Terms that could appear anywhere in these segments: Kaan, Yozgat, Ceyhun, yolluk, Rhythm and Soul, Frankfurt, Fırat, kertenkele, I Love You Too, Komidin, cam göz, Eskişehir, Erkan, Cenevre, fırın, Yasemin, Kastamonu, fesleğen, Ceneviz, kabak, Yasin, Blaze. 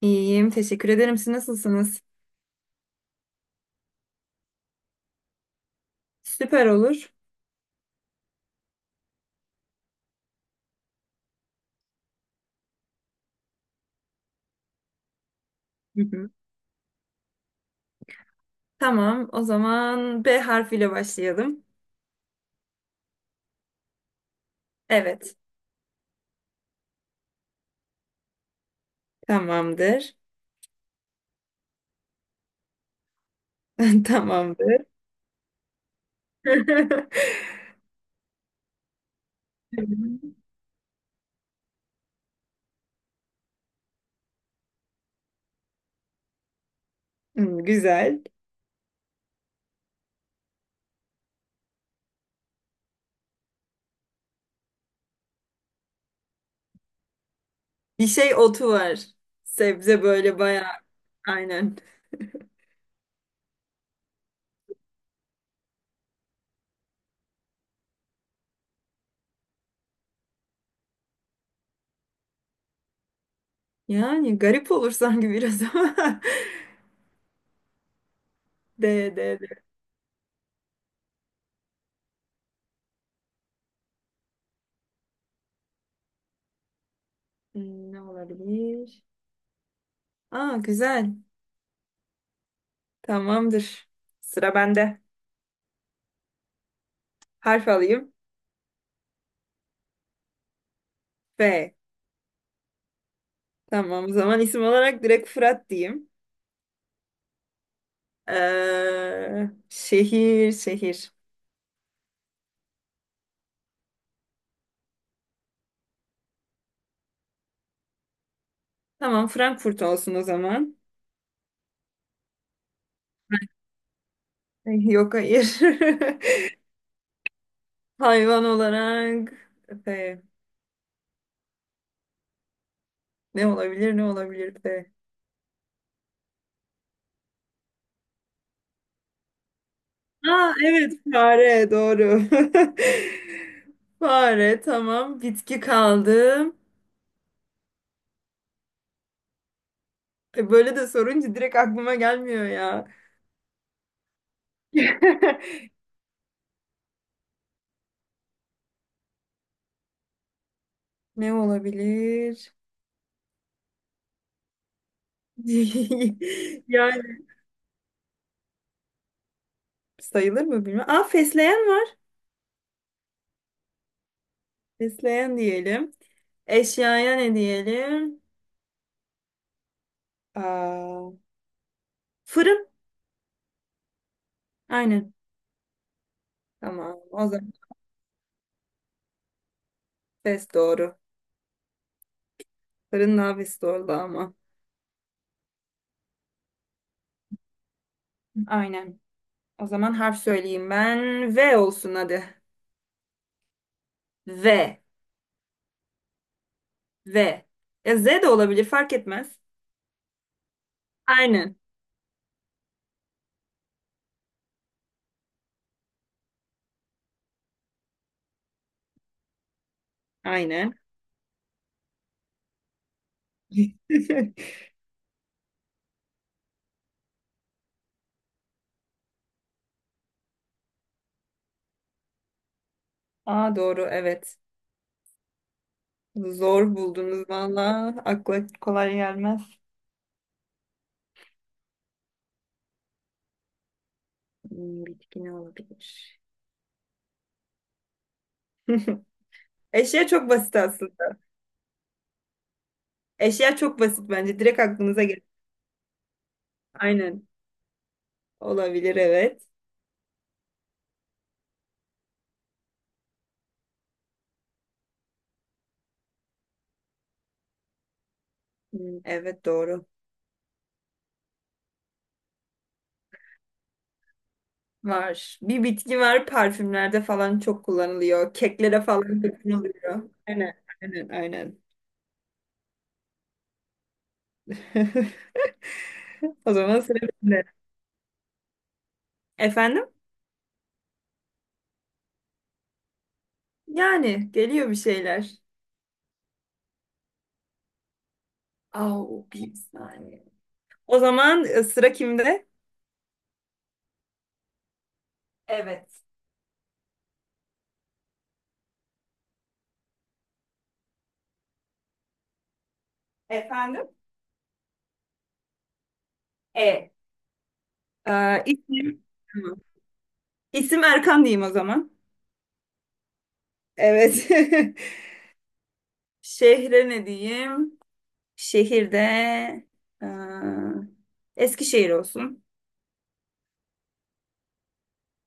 İyiyim, teşekkür ederim. Siz nasılsınız? Süper olur. Hı hı. Tamam, o zaman B harfiyle başlayalım. Evet, tamamdır. Tamamdır. Hmm, güzel. Bir şey otu var. Sebze böyle bayağı aynen. Yani garip olur sanki biraz ama. D, D, D. Hmm, ne olabilir? Aa, güzel. Tamamdır. Sıra bende. Harf alayım. B. Tamam, o zaman isim olarak direkt Fırat diyeyim. Şehir, şehir. Tamam, Frankfurt olsun o zaman. Ay, yok hayır. Hayvan olarak F. Ne olabilir, ne olabilir F? Aa evet, fare doğru. Fare, tamam, bitki kaldı. Böyle de sorunca direkt aklıma gelmiyor ya. Ne olabilir? Yani sayılır mı bilmiyorum. Aa, fesleğen var. Besleyen diyelim. Eşyaya ne diyelim? Aa, fırın. Aynen. Tamam. O zaman ses doğru. Fırın nafis doğru ama. Aynen. O zaman harf söyleyeyim ben. V olsun hadi. V. V. Ya Z de olabilir, fark etmez. Aynen. Aynen. Aa doğru, evet. Zor buldunuz valla. Akla kolay gelmez. Hmm, bitki ne olabilir? Eşya çok basit aslında. Eşya çok basit bence. Direkt aklınıza gelir. Aynen. Olabilir, evet. Hmm, evet doğru. Var. Bir bitki var, parfümlerde falan çok kullanılıyor. Keklere falan da kullanılıyor. Aynen. Aynen. Aynen. O zaman sıra bende. Efendim? Yani geliyor bir şeyler. Au, bir saniye. O zaman sıra kimde? Evet. Efendim? E. İsim. Tamam. İsim Erkan diyeyim o zaman. Evet. Şehre ne diyeyim? Şehirde e, Eskişehir olsun.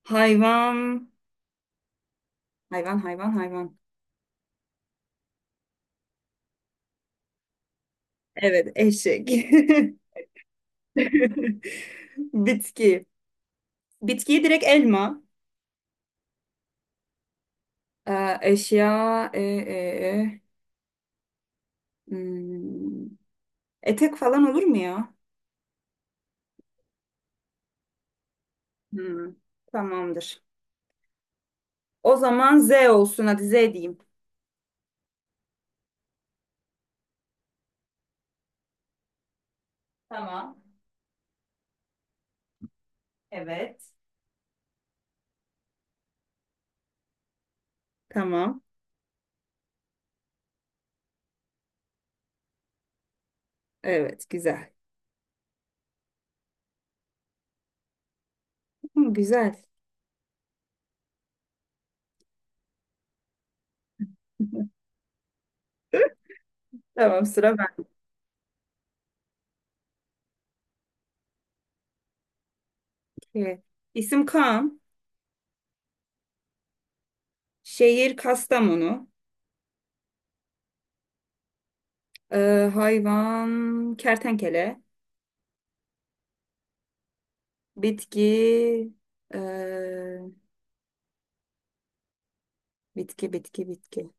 Hayvan, hayvan, hayvan, hayvan. Evet, eşek. Bitki. Bitkiyi direkt elma. Eşya, e. Hmm, etek falan olur mu ya? Hmm, tamamdır. O zaman Z olsun. Hadi Z diyeyim. Tamam. Evet. Tamam. Evet, güzel. Hı, güzel. Tamam, sıra bende. Peki. İsim Kaan. Şehir Kastamonu. Hayvan kertenkele. Bitki ee, bitki bitki bitki.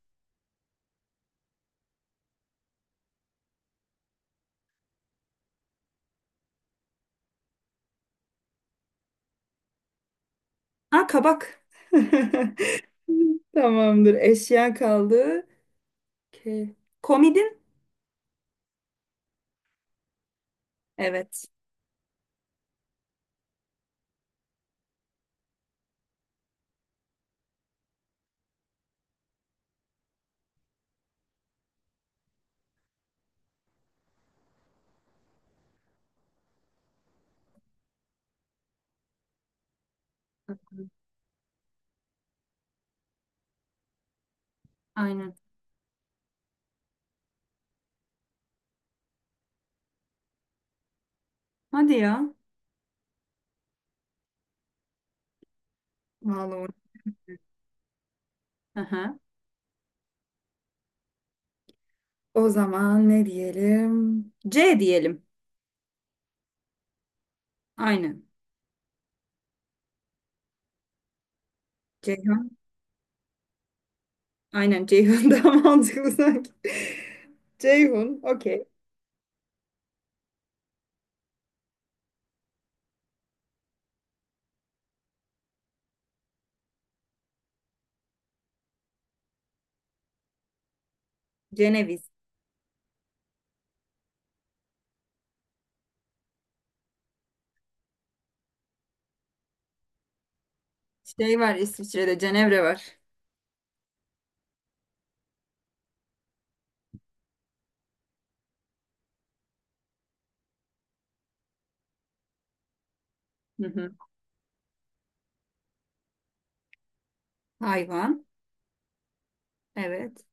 Aa, kabak. Tamamdır. Eşya kaldı. Ke- Komidin. Evet. Aynen. Hadi ya. Vallahi. Aha. O zaman ne diyelim? C diyelim. Aynen. Ceyhun. Aynen, Ceyhun daha mantıklı sanki. Ceyhun. Okey. Ceneviz. Şey var, İsviçre'de Cenevre var. Hı hı. Hayvan. Evet.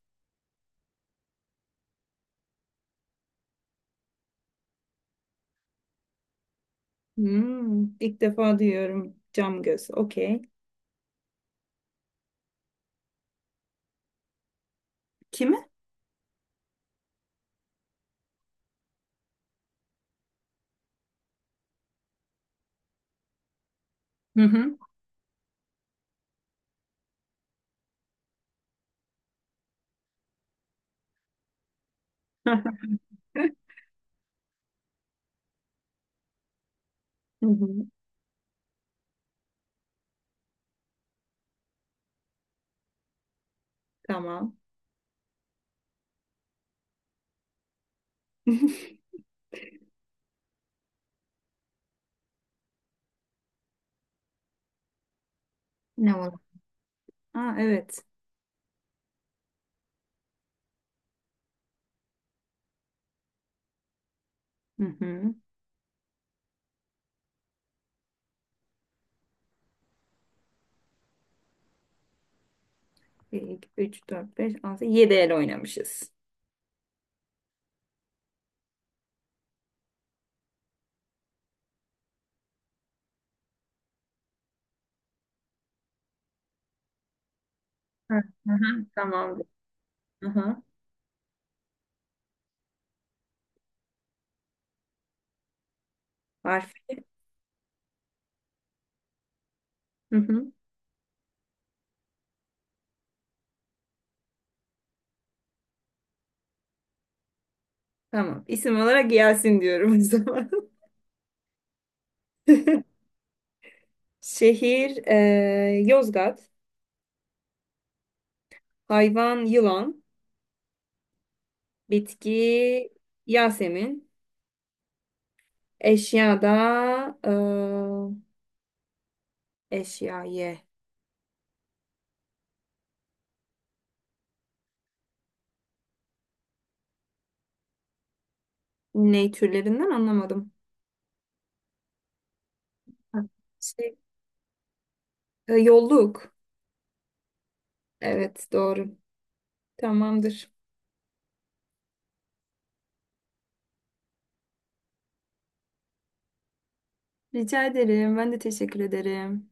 Hmm, ilk defa duyuyorum cam göz. Okey. Kimi? Hı hı. Hı hı. Tamam. Ne var? Aa, evet. Hı hı. 1, 2, 3, 4, 5, 6, 7 el oynamışız. Hı hı. Hı. Tamamdır. Hı hı. Harf. Hı hı. Tamam. İsim olarak Yasin diyorum o zaman. Şehir Yozgat. Hayvan yılan. Bitki Yasemin. Eşyada eşya ye. Ne türlerinden anlamadım. Ha. Şey, yolluk. Evet doğru. Tamamdır. Rica ederim. Ben de teşekkür ederim.